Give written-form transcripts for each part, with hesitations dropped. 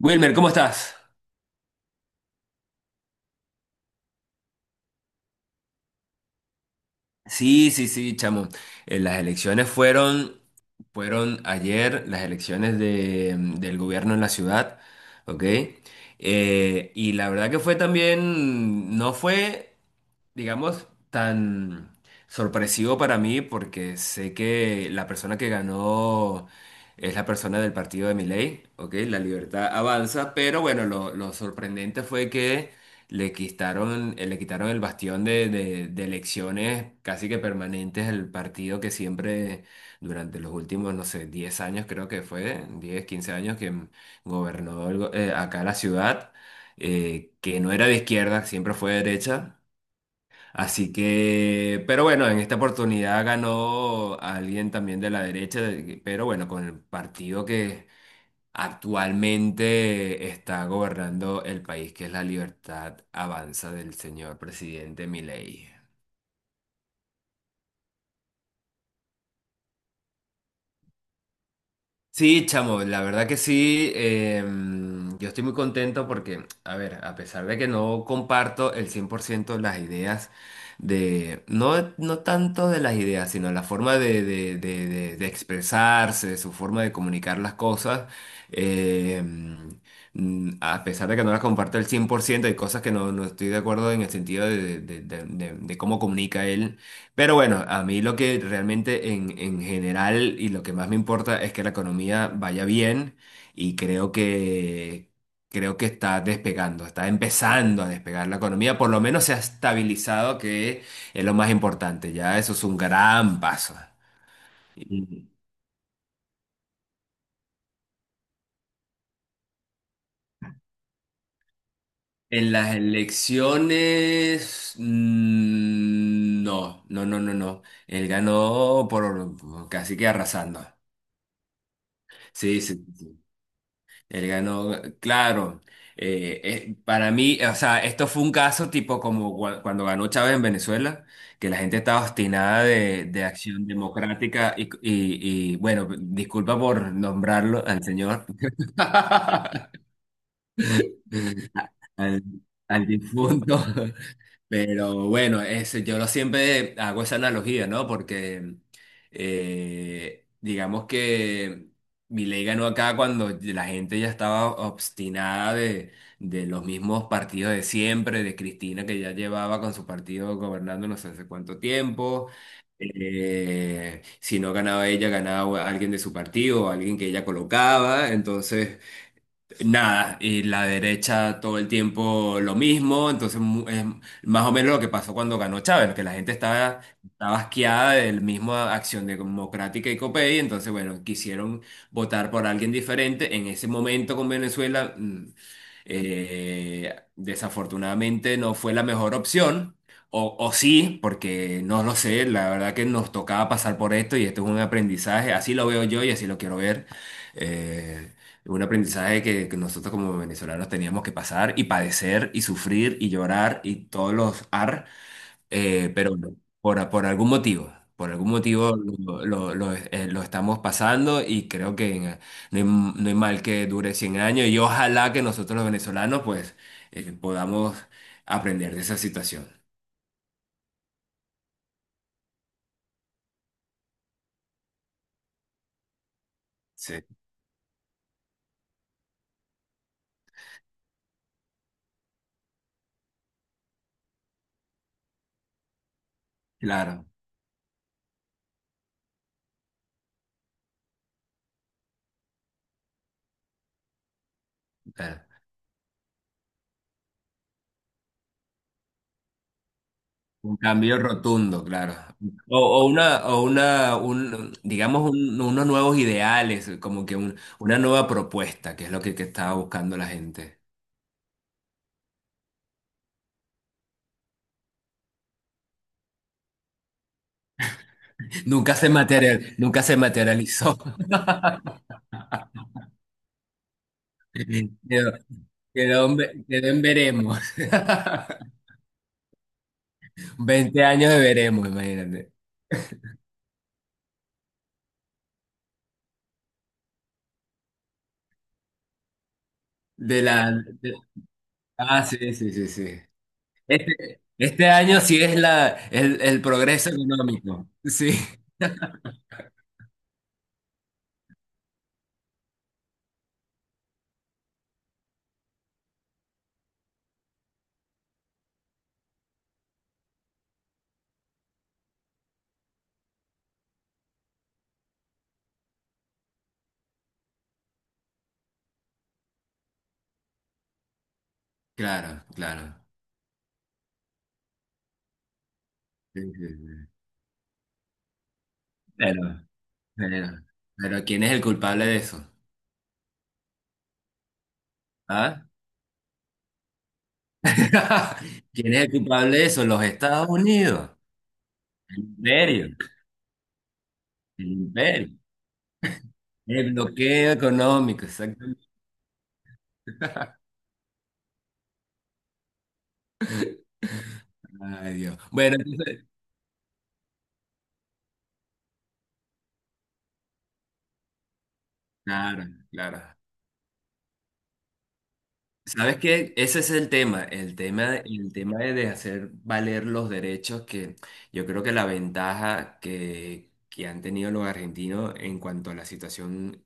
Wilmer, ¿cómo estás? Sí, sí, sí, chamo. Las elecciones fueron, fueron ayer, las elecciones del gobierno en la ciudad, ¿ok? Y la verdad que fue también, no fue. Digamos, tan sorpresivo para mí porque sé que la persona que ganó es la persona del partido de Milei, ¿ok? La Libertad Avanza, pero bueno, lo sorprendente fue que le quitaron el bastión de, de elecciones casi que permanentes al partido que siempre durante los últimos, no sé, 10 años creo que fue, 10 15 años que gobernó acá la ciudad. Que no era de izquierda, siempre fue de derecha. Así que, pero bueno, en esta oportunidad ganó alguien también de la derecha, pero bueno, con el partido que actualmente está gobernando el país, que es La Libertad Avanza del señor presidente Milei. Sí, chamo, la verdad que sí. Yo estoy muy contento porque, a ver, a pesar de que no comparto el 100% las ideas de, no, no tanto de las ideas, sino la forma de, de expresarse, su forma de comunicar las cosas, em, a pesar de que no las comparto el 100%, hay cosas que no, no estoy de acuerdo en el sentido de, de cómo comunica él. Pero bueno, a mí lo que realmente en general y lo que más me importa es que la economía vaya bien y creo que está despegando, está empezando a despegar la economía, por lo menos se ha estabilizado, que es lo más importante, ya eso es un gran paso. Y en las elecciones, no, no, no, no, no, él ganó por casi que arrasando. Sí, sí. Él ganó, claro. Para mí, o sea, esto fue un caso tipo como cuando ganó Chávez en Venezuela, que la gente estaba obstinada de Acción Democrática y, bueno, disculpa por nombrarlo al señor, al, al difunto. Pero bueno, yo lo siempre hago esa analogía, ¿no? Porque digamos que Milei ganó acá cuando la gente ya estaba obstinada de los mismos partidos de siempre, de Cristina que ya llevaba con su partido gobernando no sé hace cuánto tiempo. Si no ganaba ella, ganaba alguien de su partido, o alguien que ella colocaba. Entonces... Nada, y la derecha todo el tiempo lo mismo, entonces es más o menos lo que pasó cuando ganó Chávez, que la gente estaba, estaba asqueada del mismo Acción Democrática y COPEI, entonces bueno, quisieron votar por alguien diferente. En ese momento con Venezuela, desafortunadamente no fue la mejor opción, o sí, porque no lo sé, la verdad que nos tocaba pasar por esto y esto es un aprendizaje, así lo veo yo y así lo quiero ver. eh, un aprendizaje que nosotros como venezolanos teníamos que pasar y padecer y sufrir y llorar y todos los ar, pero no, por algún motivo lo, lo estamos pasando y creo que no hay, no hay mal que dure 100 años y ojalá que nosotros los venezolanos pues podamos aprender de esa situación. Sí, claro. Claro. Un cambio rotundo, claro. O una, un, digamos, unos nuevos ideales, como que una nueva propuesta, que es lo que estaba buscando la gente. Nunca se material, nunca se materializó. Quedó, quedó en quedó en veremos. 20 años de veremos, imagínate. De la, de- ah, sí, sí, sí, sí. Este año sí es la, el progreso económico. Sí, claro, claro. Sí, sí, sí. Claro. Pero, pero ¿quién es el culpable de eso? ¿Ah? ¿Quién es el culpable de eso? Los Estados Unidos. El imperio. El imperio. El bloqueo económico, exactamente. Ay, Dios. Bueno, entonces, claro, claro. ¿Sabes qué? Ese es el tema, el tema, el tema de hacer valer los derechos que yo creo que la ventaja que han tenido los argentinos en cuanto a la situación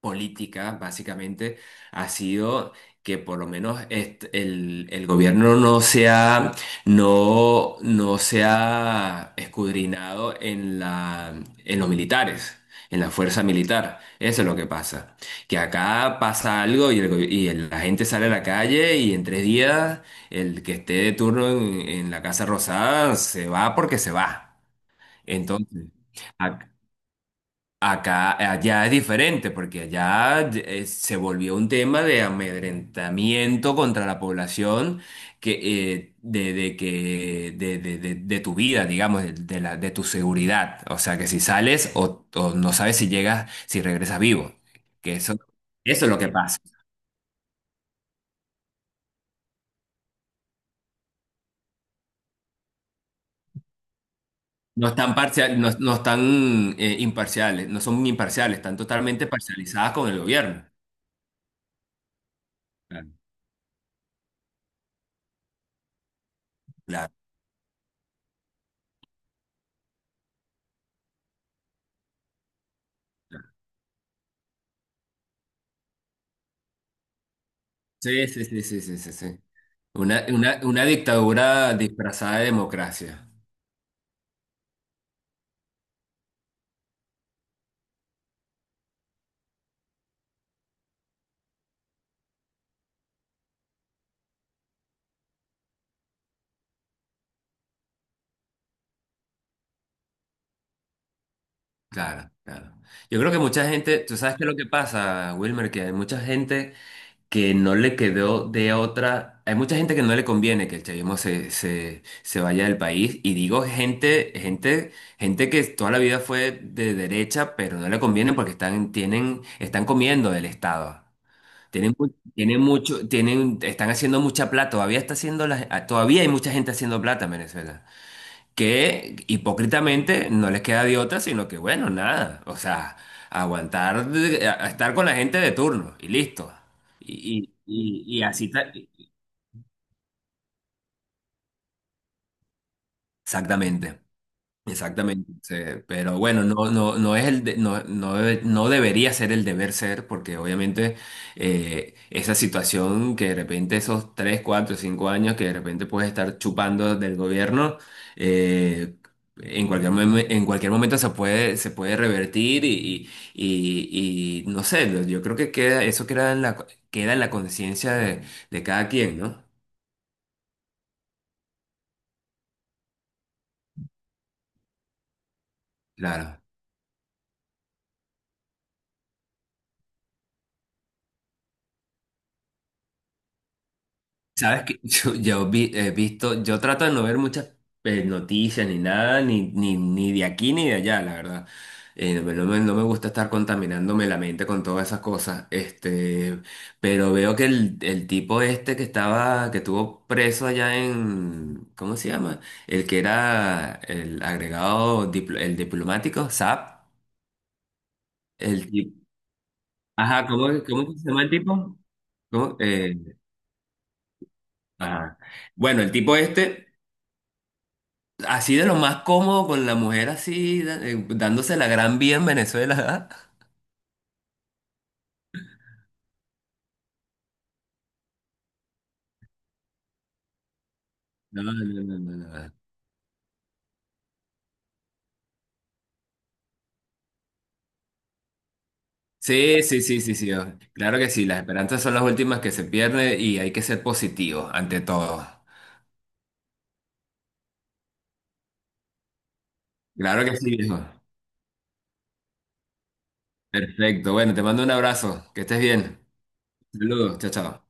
política, básicamente, ha sido que por lo menos el gobierno no se ha, no, no se ha escudriñado en los militares. En la fuerza militar. Eso es lo que pasa. Que acá pasa algo y, el go- y el- la gente sale a la calle y en 3 días el que esté de turno en la Casa Rosada se va porque se va. Entonces, acá, allá es diferente, porque allá se volvió un tema de amedrentamiento contra la población que, de, de tu vida, digamos, de tu seguridad. O sea, que si sales o no sabes si llegas, si regresas vivo. Que eso es lo que pasa. No están parcial, no, no están imparciales, no son imparciales, están totalmente parcializadas con el gobierno. Claro. Claro. Sí, sí, sí, sí, sí, sí, sí. Una dictadura disfrazada de democracia. Claro, claro. Yo creo que mucha gente, tú sabes qué es lo que pasa, Wilmer, que hay mucha gente que no le quedó de otra, hay mucha gente que no le conviene que el chavismo se vaya del país. Y digo gente, gente, gente que toda la vida fue de derecha, pero no le conviene porque están, tienen, están comiendo del Estado. Tienen, tienen mucho, tienen, están haciendo mucha plata, todavía está haciendo todavía hay mucha gente haciendo plata en Venezuela. Que hipócritamente no les queda de otra, sino que bueno, nada, o sea, aguantar, a estar con la gente de turno y listo. Y así, ta- exactamente. Exactamente, sí, pero bueno, no, no, no es no, no, no debería ser el deber ser, porque obviamente esa situación que de repente esos 3 4 5 años que de repente puedes estar chupando del gobierno, eh, en cualquier, en cualquier momento se puede revertir y no sé, yo creo que queda, eso queda en la conciencia de cada quien, ¿no? Claro. Sabes que yo, he visto, yo trato de no ver muchas noticias ni nada, ni, ni, ni de aquí ni de allá, la verdad. No me gusta estar contaminándome la mente con todas esas cosas. Este, pero veo que el tipo este que estaba, que estuvo preso allá en, ¿cómo se llama? El que era el agregado, el diplomático, SAP. El, tipo. Ajá, ¿cómo, cómo se llama el tipo? ¿Cómo? Ajá. Bueno, el tipo este. Así de lo más cómodo con la mujer así, dándose la gran vía en Venezuela. No, no, no, no, no. Sí, sí, sí, sí, sí. Oh, claro que sí, las esperanzas son las últimas que se pierden y hay que ser positivos ante todo. Claro que sí, viejo. Perfecto. Bueno, te mando un abrazo. Que estés bien. Saludos. Chao, chao.